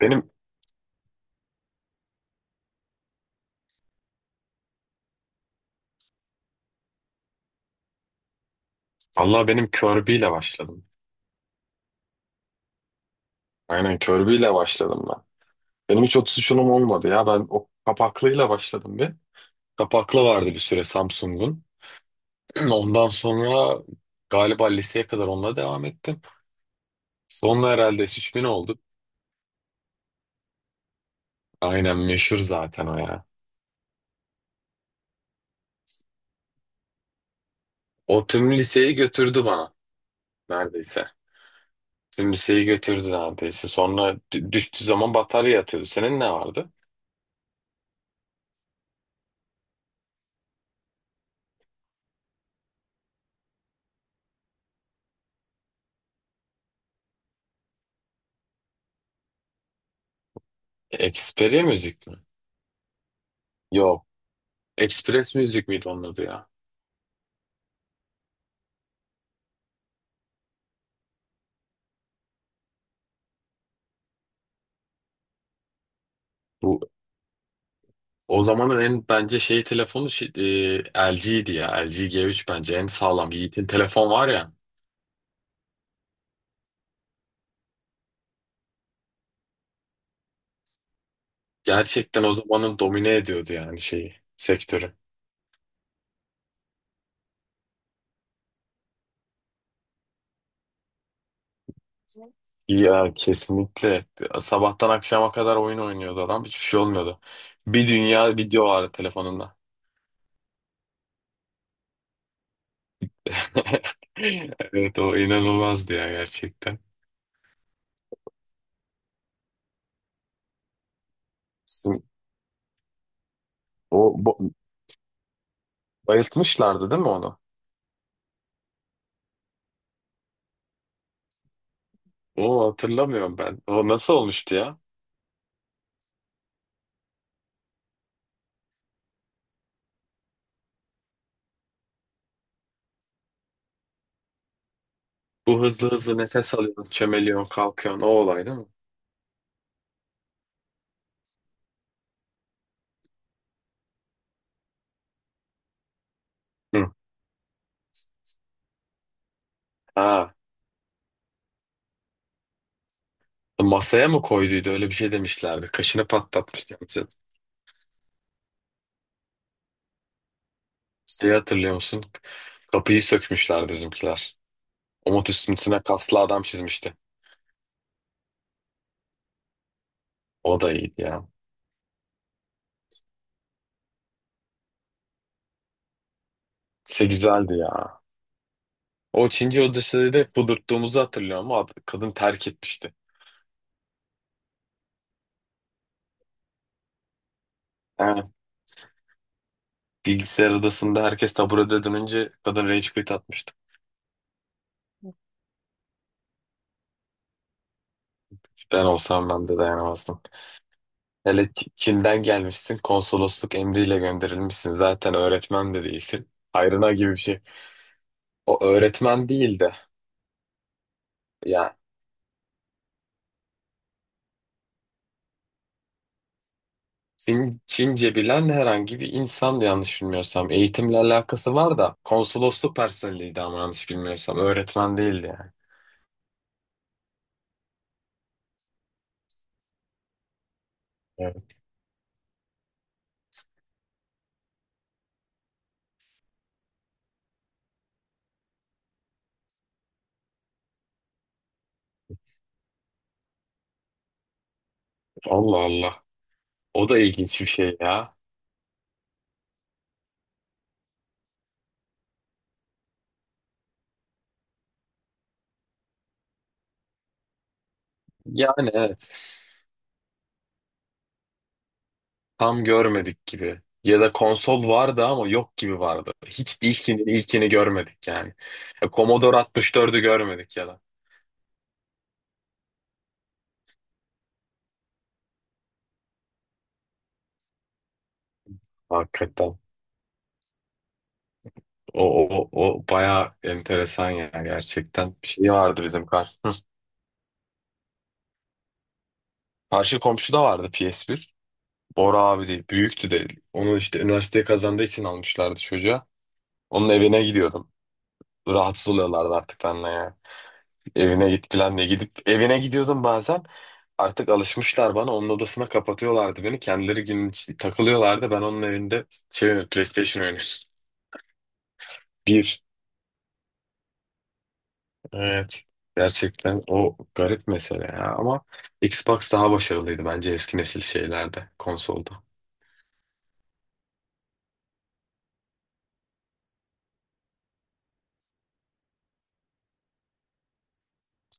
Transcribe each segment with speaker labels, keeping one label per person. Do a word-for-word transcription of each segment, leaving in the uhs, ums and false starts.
Speaker 1: Benim Allah benim Kirby ile başladım. Aynen Kirby ile başladım ben. Benim hiç otuz üçünüm olmadı ya. Ben o kapaklıyla başladım bir. Kapaklı vardı bir süre Samsung'un. Ondan sonra galiba liseye kadar onunla devam ettim. Sonra herhalde S üç bin oldu. Aynen meşhur zaten o ya. O tüm liseyi götürdü bana neredeyse. Tüm liseyi götürdü neredeyse. Sonra dü- düştüğü zaman batarya yatıyordu. Senin ne vardı? Xperia müzik mi? Yok. Express müzik miydi onun adı ya? O zamanın en bence şey telefonu şey, L G'ydi ya. L G G üç bence en sağlam. Yiğit'in telefon var ya. Gerçekten o zamanın domine ediyordu yani şeyi, sektörü. Ya kesinlikle. Sabahtan akşama kadar oyun oynuyordu adam. Hiçbir şey olmuyordu. Bir dünya video vardı telefonunda. Evet o inanılmazdı ya gerçekten. Sizin- O bo- Bayıltmışlardı değil mi onu? O hatırlamıyorum ben. O nasıl olmuştu ya? Bu hızlı hızlı nefes alıyorsun, çömeliyorsun, kalkıyorsun. O olay değil mi? Hı. Ha. Masaya mı koyduydu? Öyle bir şey demişlerdi. Kaşını patlatmıştı. Şeyi hatırlıyor musun? Kapıyı sökmüşlerdi bizimkiler. Umut üstüne kaslı adam çizmişti. O da iyiydi ya. Se güzeldi ya. O Çinci odasında da kudurttuğumuzu hatırlıyorum ama kadın terk etmişti. Ha. Bilgisayar odasında herkes taburede dönünce kadın rage quit atmıştı. Ben olsam ben de dayanamazdım. Hele Ç- Çin'den gelmişsin, konsolosluk emriyle gönderilmişsin. Zaten öğretmen de değilsin. Hayrına gibi bir şey. O öğretmen değil de yani Çin, Çince bilen herhangi bir insan yanlış bilmiyorsam. Eğitimle alakası var da konsolosluk personeliydi ama yanlış bilmiyorsam. Öğretmen değildi yani. Evet. Allah Allah. O da ilginç bir şey ya. Yani evet. Tam görmedik gibi. Ya da konsol vardı ama yok gibi vardı. Hiç ilkini ilkini görmedik yani. Ya Commodore altmış dördü görmedik ya da. Hakikaten. O, o, o bayağı enteresan ya gerçekten. Bir şey vardı bizim kar. Hı. Karşı komşuda vardı P S bir. Bora abi değil. Büyüktü de. Onu işte üniversiteye kazandığı için almışlardı çocuğa. Onun evine gidiyordum. Rahatsız oluyorlardı artık benle ya. Evine git falan diye gidip evine gidiyordum bazen. Artık alışmışlar bana. Onun odasına kapatıyorlardı beni. Kendileri günün içi- takılıyorlardı. Ben onun evinde şey oynuyorum, PlayStation oynuyorum. Bir. Evet. Gerçekten o garip mesele ya. Ama Xbox daha başarılıydı bence eski nesil şeylerde, konsolda.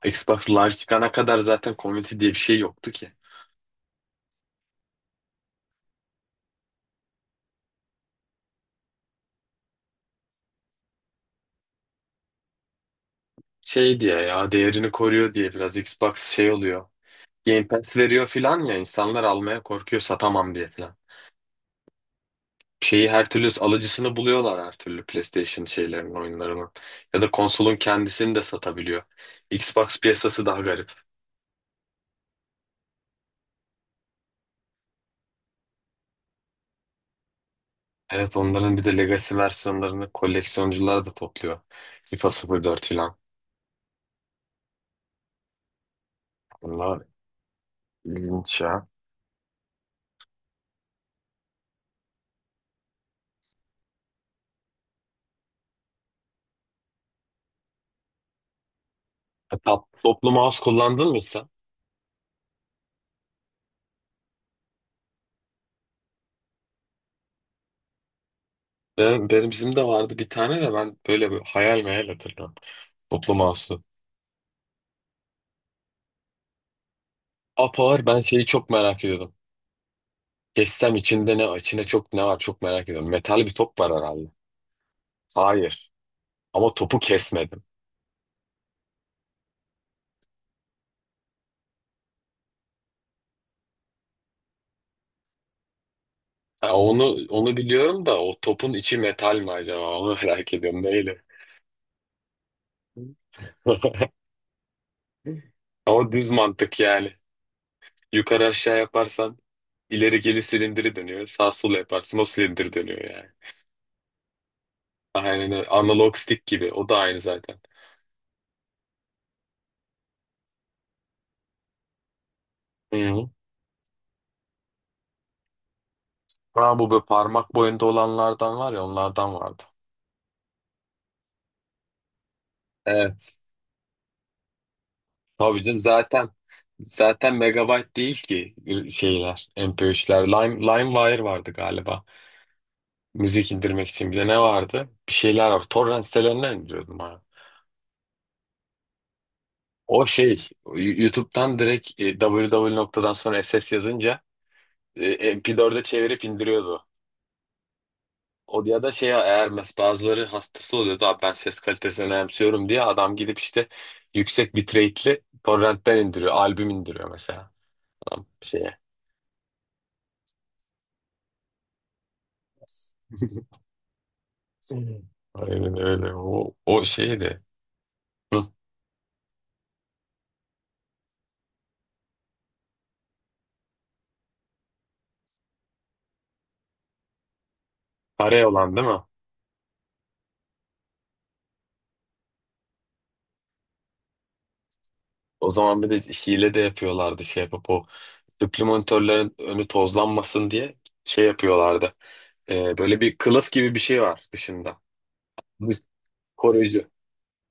Speaker 1: Xbox Live çıkana kadar zaten community diye bir şey yoktu ki. Şey diye ya değerini koruyor diye biraz Xbox şey oluyor. Game Pass veriyor filan ya insanlar almaya korkuyor satamam diye filan. Şeyi her türlü alıcısını buluyorlar her türlü PlayStation şeylerin oyunlarının. Ya da konsolun kendisini de satabiliyor. Xbox piyasası daha garip. Evet onların bir de Legacy versiyonlarını koleksiyoncular da topluyor. FIFA sıfır dört falan. Bunlar ilginç ya. E, Top, toplu mouse kullandın mı sen? Ben, benim bizim de vardı bir tane de ben böyle bir hayal meyal hatırlıyorum. Toplu mouse'u. Apower ben şeyi çok merak ediyordum. Kessem içinde ne, içine çok ne var çok merak ediyorum. Metal bir top var herhalde. Hayır. Ama topu kesmedim. Ha, onu onu biliyorum da o topun içi metal mi acaba? Onu merak ediyorum. Neydi? O düz mantık yani. Yukarı aşağı yaparsan ileri geri silindiri dönüyor. Sağ sol yaparsın o silindir dönüyor yani. Aynen öyle. Analog stick gibi. O da aynı zaten. Hı. Hı. Ha, bu böyle parmak boyunda olanlardan var ya onlardan vardı. Evet. Tabii canım zaten zaten megabyte değil ki şeyler M P üçler. Lime, LimeWire vardı galiba. Müzik indirmek için bir de ne vardı? Bir şeyler var. Torrent sitelerinden indiriyordum. O şey YouTube'dan direkt e, www noktadan sonra S S yazınca e, M P dörde çevirip indiriyordu. O ya da şey eğer mes bazıları hastası oluyordu abi ben ses kalitesini önemsiyorum diye adam gidip işte yüksek bitrate'li torrentten indiriyor. Albüm indiriyor mesela. Adam şeye. Aynen öyle. O, o şeydi. Hı. Kare olan değil mi? O zaman bir de hile de yapıyorlardı şey yapıp o tüplü monitörlerin önü tozlanmasın diye şey yapıyorlardı. Ee, böyle bir kılıf gibi bir şey var dışında. Dış- Koruyucu.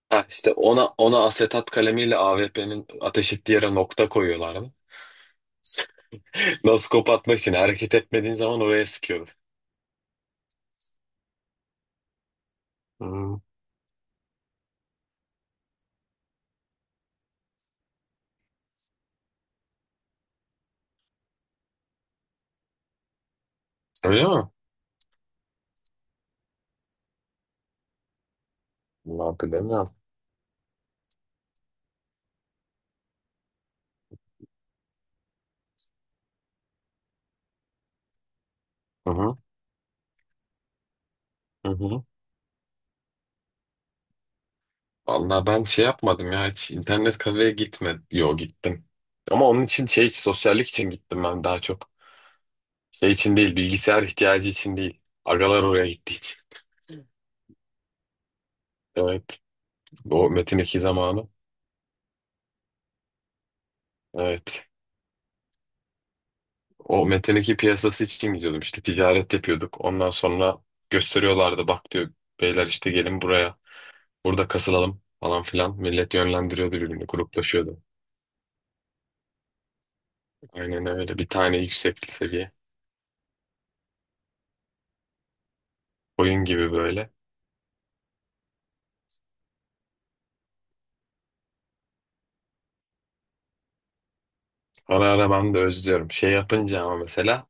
Speaker 1: Ha işte ona ona asetat kalemiyle avepenin ateş ettiği yere nokta koyuyorlardı. Noskop atmak için hareket etmediğin zaman oraya sıkıyordu. Hmm. Öyle mi? Vallahi bilemiyorum. Hı hı. Hı hı. Vallahi ben şey yapmadım ya hiç internet kafeye gitmedim. Yo gittim. Ama onun için şey sosyallik için gittim ben daha çok. Şey için değil bilgisayar ihtiyacı için değil. Agalar oraya gitti hiç. Evet. O Metin iki zamanı. Evet. O metin piyasası için gidiyordum işte ticaret yapıyorduk. Ondan sonra gösteriyorlardı bak diyor beyler işte gelin buraya burada kasılalım falan filan. Millet yönlendiriyordu birbirini gruplaşıyordu. Aynen öyle bir tane yüksek seviye oyun gibi böyle. Ara ara ben de özlüyorum. Şey yapınca ama mesela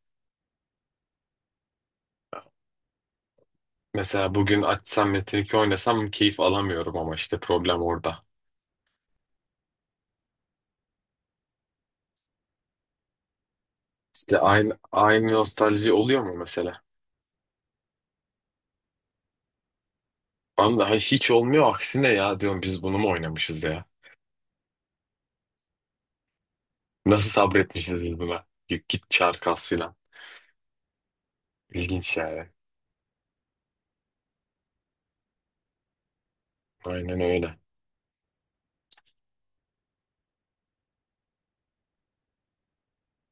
Speaker 1: mesela bugün açsam Metin iki oynasam keyif alamıyorum ama işte problem orada. İşte aynı, aynı nostalji oluyor mu mesela? Ben de hiç olmuyor aksine ya diyorum biz bunu mu oynamışız ya? Nasıl sabretmişiz biz buna? Git git çağır kas filan. İlginç yani. Aynen öyle.